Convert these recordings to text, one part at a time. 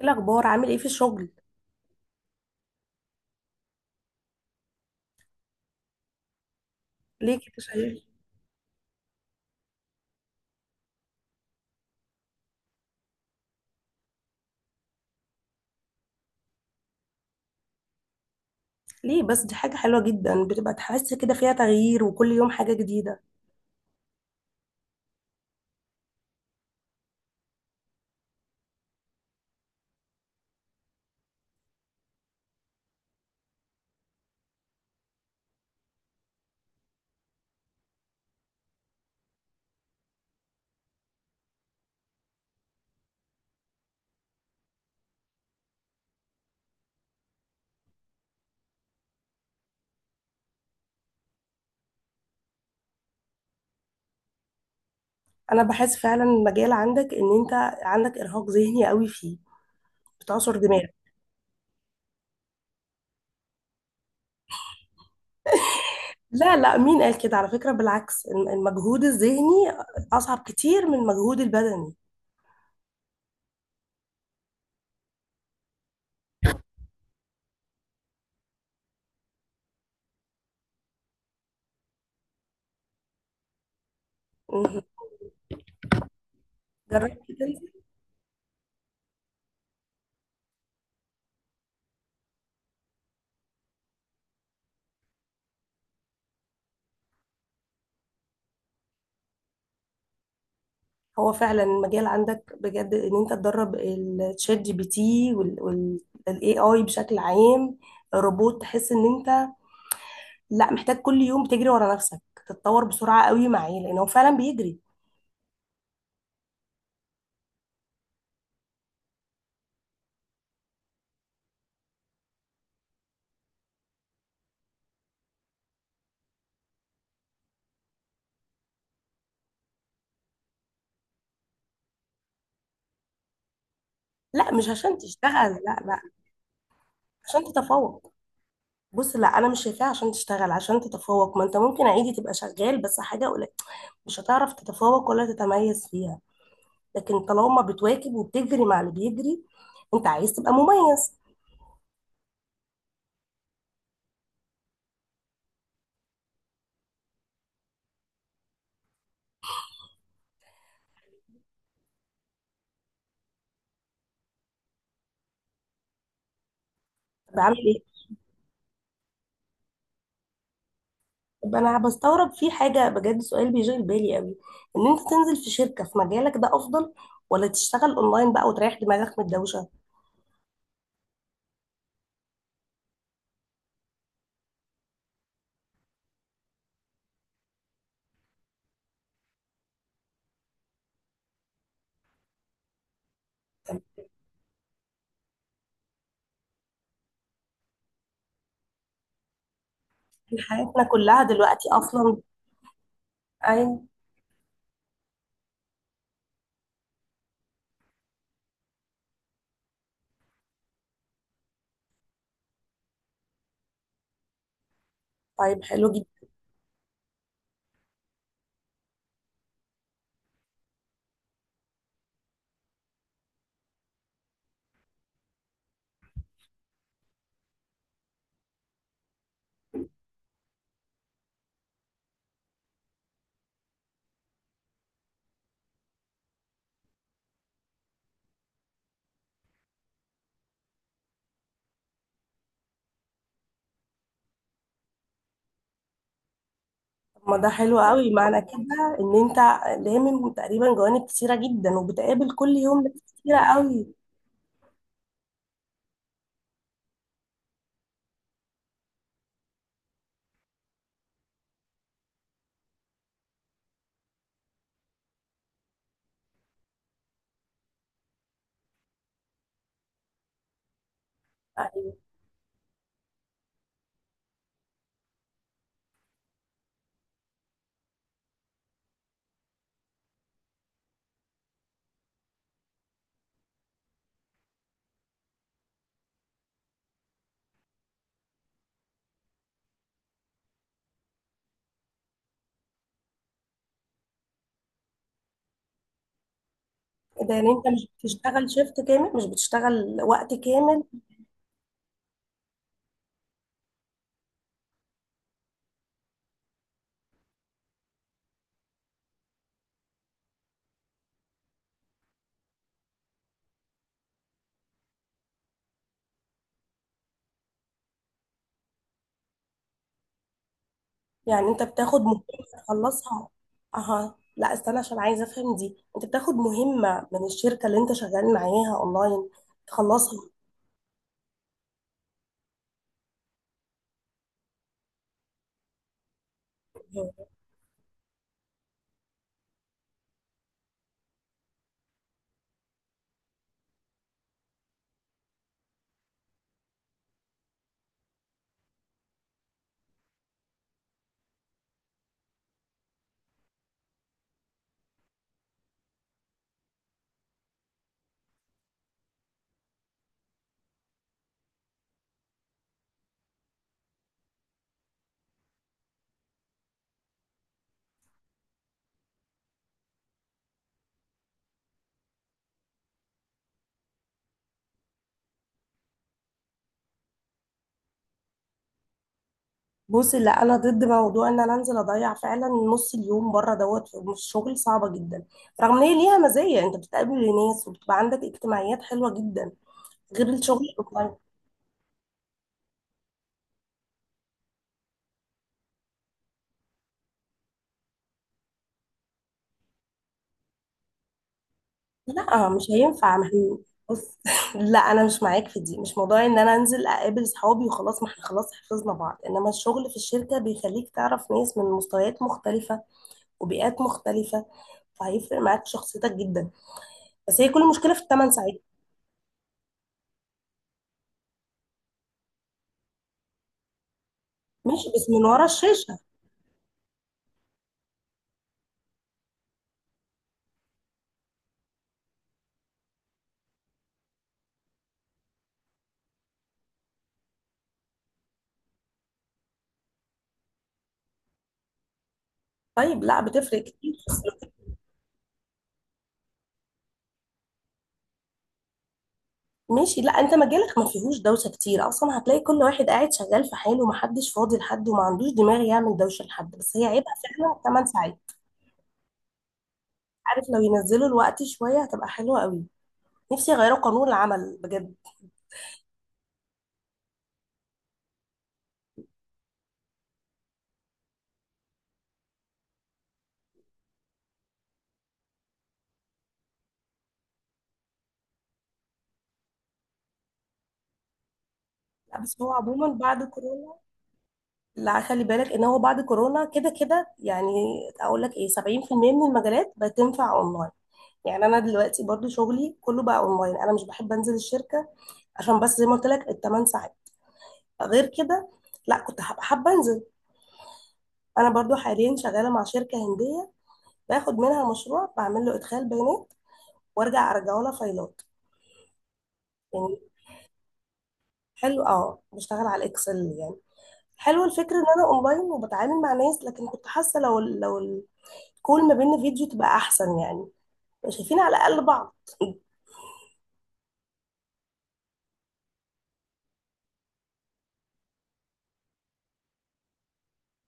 ايه الاخبار، عامل ايه في الشغل؟ ليه كده شايف؟ ليه بس، دي حاجه حلوه جدا، بتبقى تحس كده فيها تغيير وكل يوم حاجه جديده. انا بحس فعلا المجال عندك ان انت عندك ارهاق ذهني قوي فيه، بتعصر دماغك. لا لا، مين قال كده؟ على فكره بالعكس، المجهود الذهني اصعب كتير من المجهود البدني. مهم. جربت تنزل؟ هو فعلا المجال عندك بجد ان انت تدرب الشات جي بي تي والاي اي بشكل عام، الروبوت. تحس ان انت لا، محتاج كل يوم تجري ورا نفسك، تتطور بسرعة قوي معاه لأن هو فعلا بيجري. لا، مش عشان تشتغل، لا لا، عشان تتفوق. بص، لا أنا مش شايفاها عشان تشتغل، عشان تتفوق. ما أنت ممكن عادي تبقى شغال بس حاجة قليلة، مش هتعرف تتفوق ولا تتميز فيها، لكن طالما بتواكب وبتجري مع اللي بيجري، أنت عايز تبقى مميز. تبقى عامل إيه؟ طب أنا بستغرب في حاجة بجد، سؤال بيشغل بالي قوي، إن أنت تنزل في شركة في مجالك ده أفضل، ولا تشتغل أونلاين بقى وتريح دماغك من الدوشة؟ حياتنا كلها دلوقتي اصلا. اي. طيب، حلو جدا. طب ما ده حلو قوي، معنى كده ان انت لامم تقريبا جوانب كتيره جدا، وبتقابل كل يوم ناس كتيره قوي. ايوه. ده يعني انت مش بتشتغل شيفت كامل، مش بتشتغل وقت كامل؟ يعني انت بتاخد مهمه تخلصها؟ اها، لا استنى، عشان عايزه افهم دي. انت بتاخد مهمه من الشركه اللي انت شغال معاها اونلاين تخلصها؟ بصي، لا انا ضد موضوع ان انا انزل اضيع فعلا نص اليوم بره دوت في الشغل، صعبه جدا. رغم ان هي ليها مزايا، انت بتقابل ناس وبتبقى عندك اجتماعيات حلوه جدا، غير الشغل الاونلاين. لا، مش هينفع. ما هي- بص لا، انا مش معاك في دي. مش موضوع ان انا انزل اقابل صحابي وخلاص، ما احنا خلاص حفظنا بعض، انما الشغل في الشركه بيخليك تعرف ناس من مستويات مختلفه وبيئات مختلفه، فهيفرق معاك شخصيتك جدا. بس هي كل المشكله في الثمان ساعات. ماشي، بس من ورا الشاشه. طيب، لا بتفرق كتير. ماشي، لا، انت مجالك ما فيهوش دوشه كتير اصلا، هتلاقي كل واحد قاعد شغال في حاله، ومحدش فاضي لحد، وما عندوش دماغ يعمل دوشه لحد. بس هي عيبها فعلا 8 ساعات. عارف، لو ينزلوا الوقت شويه هتبقى حلوه قوي. نفسي يغيروا قانون العمل بجد. لا، بس هو عموما بعد كورونا، لا خلي بالك ان هو بعد كورونا كده كده يعني. اقول لك ايه؟ 70% من المجالات بتنفع اونلاين. يعني انا دلوقتي برضو شغلي كله بقى اونلاين، انا مش بحب انزل الشركه عشان بس زي ما قلت لك الثمان ساعات، غير كده لا كنت هبقى حابه انزل. انا برضو حاليا شغاله مع شركه هنديه، باخد منها مشروع، بعمل له ادخال بيانات وارجع ارجعه لها فايلات، يعني. حلو، بشتغل على الاكسل يعني. حلو الفكره ان انا اونلاين وبتعامل مع ناس، لكن كنت حاسه لو الكول ما بيننا فيديو تبقى احسن يعني، يبقى شايفين على الاقل بعض.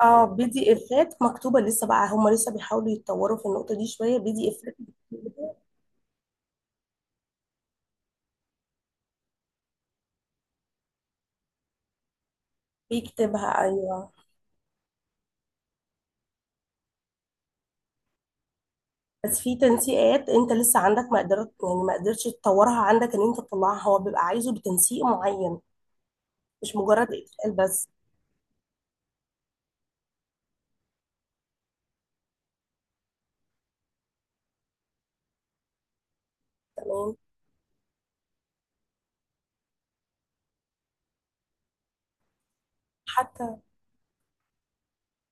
اه بي دي افات مكتوبه لسه، بقى هم لسه بيحاولوا يتطوروا في النقطه دي شويه بي دي افات بيكتبها، ايوه. بس في تنسيقات انت لسه عندك ما قدرت يعني ما قدرتش تطورها عندك، ان انت تطلعها هو بيبقى عايزه بتنسيق معين، مش مجرد اتقال بس. تمام. حتى،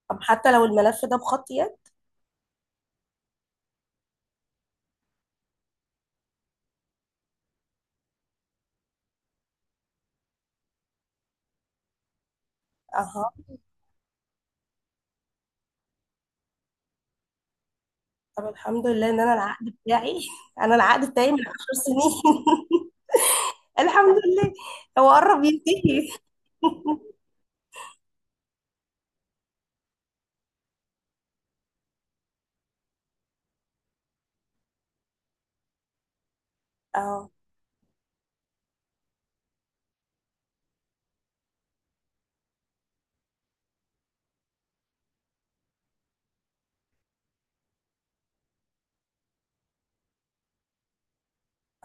طب حتى لو الملف ده بخط يد. اها. طب الحمد لله ان انا العقد بتاعي انا العقد بتاعي من 10 سنين. الحمد لله. هو قرب ينتهي. اه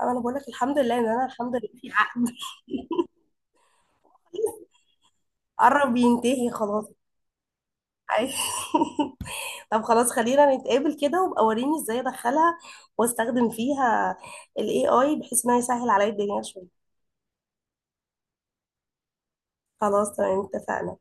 انا بقول لك الحمد لله ان انا الحمد لله في عقد. قرب ينتهي خلاص. أي. طب خلاص، خلينا نتقابل كده، وابقى وريني ازاي ادخلها واستخدم فيها ال AI، بحيث انها يسهل عليا الدنيا شوية. خلاص، تمام، اتفقنا.